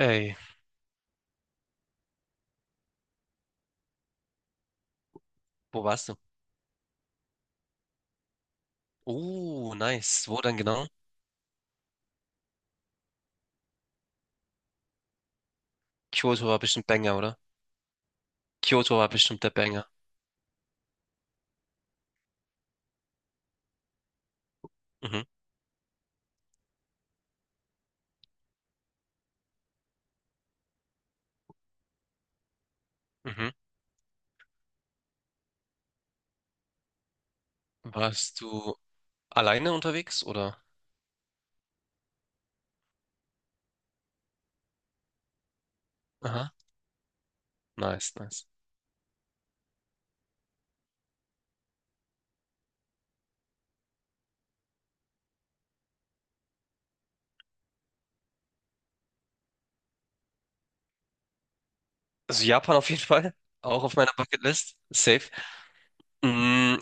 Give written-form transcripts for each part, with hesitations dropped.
Ey, wo warst du? Oh, nice. Wo denn genau? Kyoto war bestimmt Banger, oder? Kyoto war bestimmt der Banger. Mhm, mhm. Warst du alleine unterwegs, oder? Aha, nice, nice. Also Japan auf jeden Fall. Auch auf meiner Bucketlist. Safe. Mm,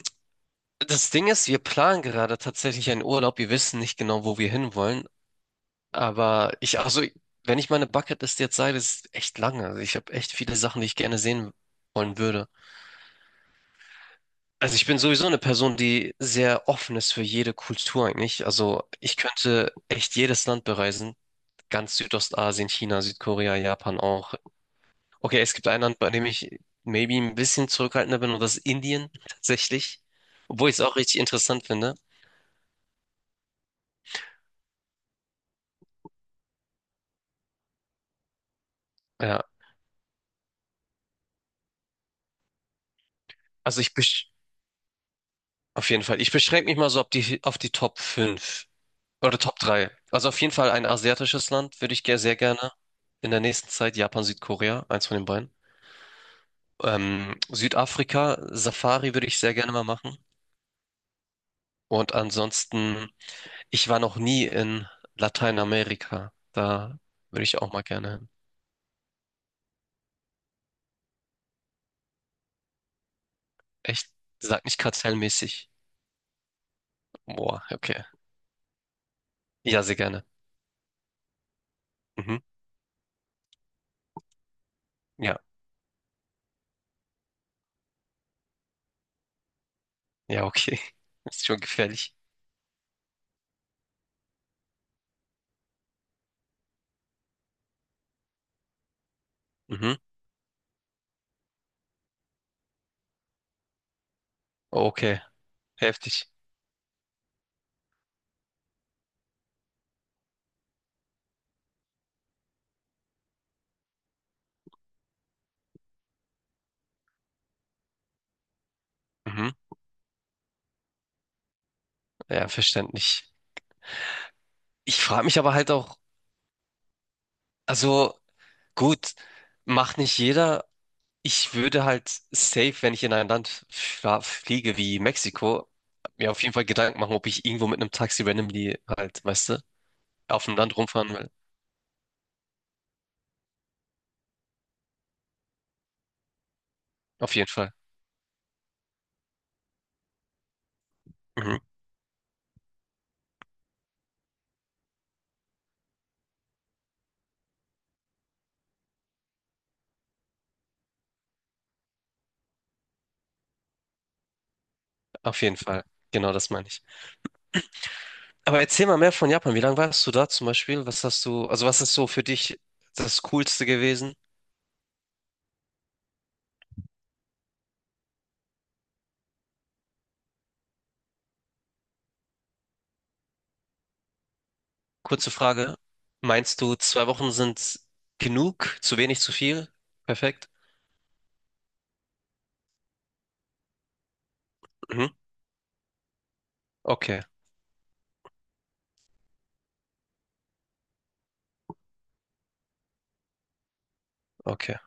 das Ding ist, wir planen gerade tatsächlich einen Urlaub. Wir wissen nicht genau, wo wir hinwollen. Aber also, wenn ich meine Bucketlist jetzt sage, das ist echt lange. Also ich habe echt viele Sachen, die ich gerne sehen wollen würde. Also ich bin sowieso eine Person, die sehr offen ist für jede Kultur eigentlich. Also ich könnte echt jedes Land bereisen. Ganz Südostasien, China, Südkorea, Japan auch. Okay, es gibt ein Land, bei dem ich maybe ein bisschen zurückhaltender bin, und das ist Indien tatsächlich. Obwohl ich es auch richtig interessant finde. Ja, also ich besch auf jeden Fall. Ich beschränke mich mal so auf die Top 5 oder Top 3. Also auf jeden Fall ein asiatisches Land würde ich sehr gerne in der nächsten Zeit. Japan, Südkorea, eins von den beiden. Südafrika, Safari würde ich sehr gerne mal machen. Und ansonsten, ich war noch nie in Lateinamerika. Da würde ich auch mal gerne hin. Echt? Sag nicht kartellmäßig. Boah, okay. Ja, sehr gerne. Mhm. Ja, ja, okay. Ist schon gefährlich. Mhm. Okay, heftig. Mhm. Ja, verständlich. Ich frage mich aber halt auch, also gut, macht nicht jeder. Ich würde halt safe, wenn ich in ein Land fliege wie Mexiko, mir auf jeden Fall Gedanken machen, ob ich irgendwo mit einem Taxi randomly halt, weißt du, auf dem Land rumfahren will. Auf jeden Fall. Mhm. Auf jeden Fall. Genau das meine ich. Aber erzähl mal mehr von Japan. Wie lange warst du da zum Beispiel? Was hast du, also was ist so für dich das Coolste gewesen? Kurze Frage. Meinst du, 2 Wochen sind genug? Zu wenig, zu viel? Perfekt. Mhm. Okay, okay.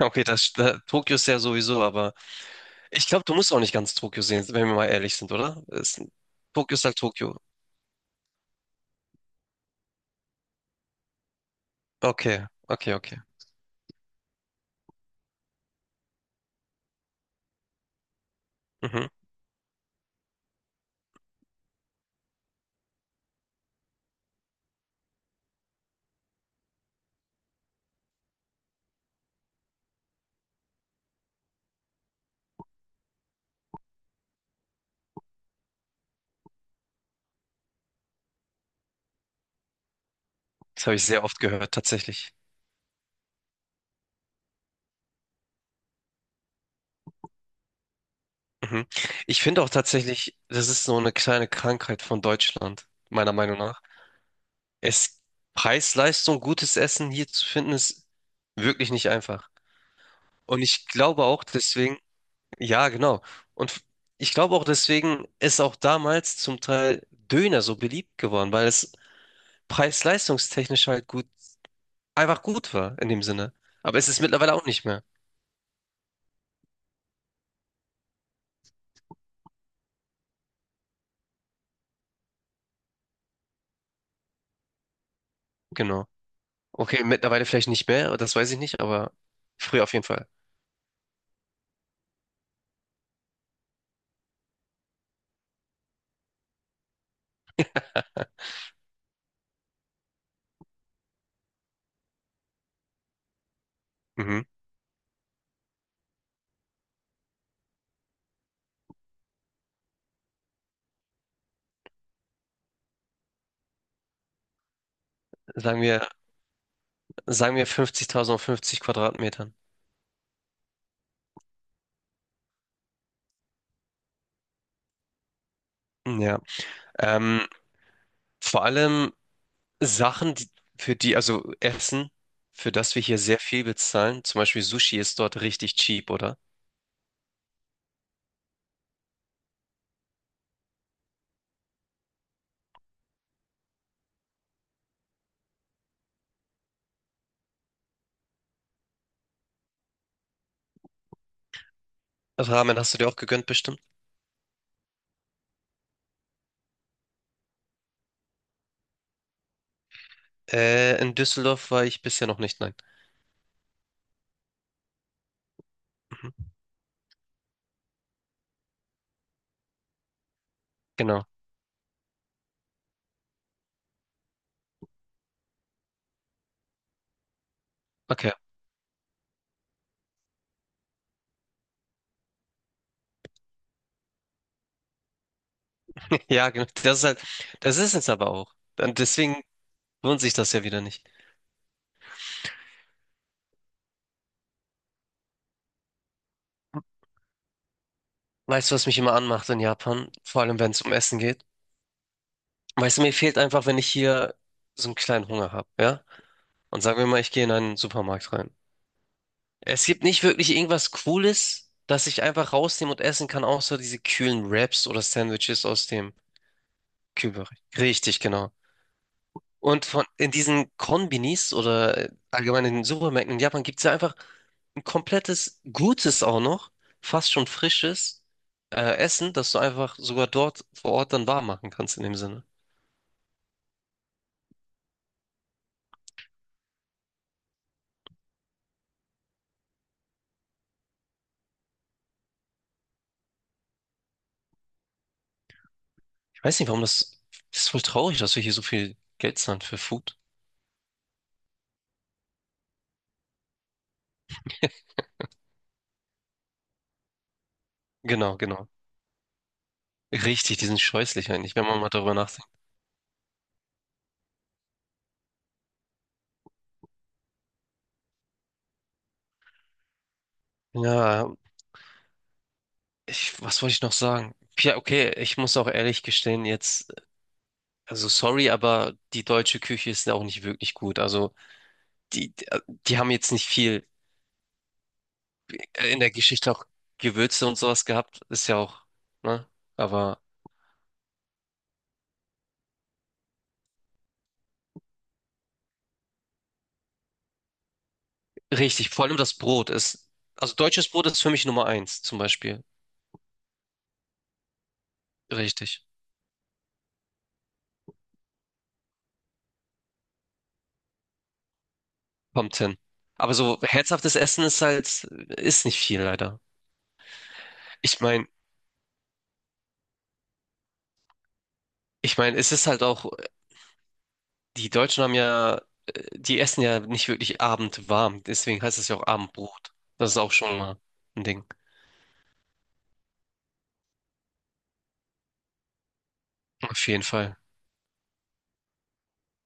Okay, Tokio ist ja sowieso, aber. Ich glaube, du musst auch nicht ganz Tokio sehen, wenn wir mal ehrlich sind, oder? Tokio ist halt Tokio. Okay, okay, okay. Mhm. Das habe ich sehr oft gehört, tatsächlich. Mhm. Ich finde auch tatsächlich, das ist so eine kleine Krankheit von Deutschland, meiner Meinung nach. Es Preis-Leistung, gutes Essen hier zu finden, ist wirklich nicht einfach. Und ich glaube auch deswegen, ja, genau. Und ich glaube auch deswegen ist auch damals zum Teil Döner so beliebt geworden, weil es preis-leistungstechnisch halt gut einfach gut war in dem Sinne. Aber es ist mittlerweile auch nicht mehr. Genau. Okay, mittlerweile vielleicht nicht mehr, das weiß ich nicht, aber früher auf jeden Fall. Mhm. Sagen wir, sagen wir 50.000 auf 50 Quadratmetern. Ja. Ähm, vor allem Sachen, die, für die, also Essen, für das wir hier sehr viel bezahlen. Zum Beispiel Sushi ist dort richtig cheap, oder? Also Ramen hast du dir auch gegönnt, bestimmt? In Düsseldorf war ich bisher noch nicht, nein. Mhm. Genau. Okay. Ja, genau. Das ist halt, das ist es aber auch. Und deswegen lohnt sich das ja wieder nicht. Weißt du, was mich immer anmacht in Japan? Vor allem, wenn es um Essen geht. Weißt du, mir fehlt einfach, wenn ich hier so einen kleinen Hunger habe, ja? Und sagen wir mal, ich gehe in einen Supermarkt rein. Es gibt nicht wirklich irgendwas Cooles, das ich einfach rausnehmen und essen kann, außer diese kühlen Wraps oder Sandwiches aus dem Kühlbereich. Richtig, genau. In diesen Konbinis oder allgemein in den Supermärkten in Japan gibt es ja einfach ein komplettes gutes auch noch, fast schon frisches Essen, das du einfach sogar dort vor Ort dann warm machen kannst in dem Sinne. Ich weiß nicht, warum das, das ist voll traurig, dass wir hier so viel Geld zahlen für Food. Genau, genau. Richtig, die sind scheußlich eigentlich, wenn man mal darüber nachdenkt. Ja, was wollte ich noch sagen? Ja, okay, ich muss auch ehrlich gestehen, jetzt, also sorry, aber die deutsche Küche ist ja auch nicht wirklich gut. Also die, die haben jetzt nicht viel in der Geschichte auch Gewürze und sowas gehabt, ist ja auch, ne? Aber richtig, vor allem das Brot ist, also deutsches Brot ist für mich Nummer eins, zum Beispiel. Richtig, kommt hin. Aber so herzhaftes Essen ist halt, ist nicht viel leider. Ich meine, ich meine, es ist halt auch, die Deutschen haben ja, die essen ja nicht wirklich abendwarm, deswegen heißt es ja auch Abendbrot. Das ist auch schon mal ein Ding. Auf jeden Fall.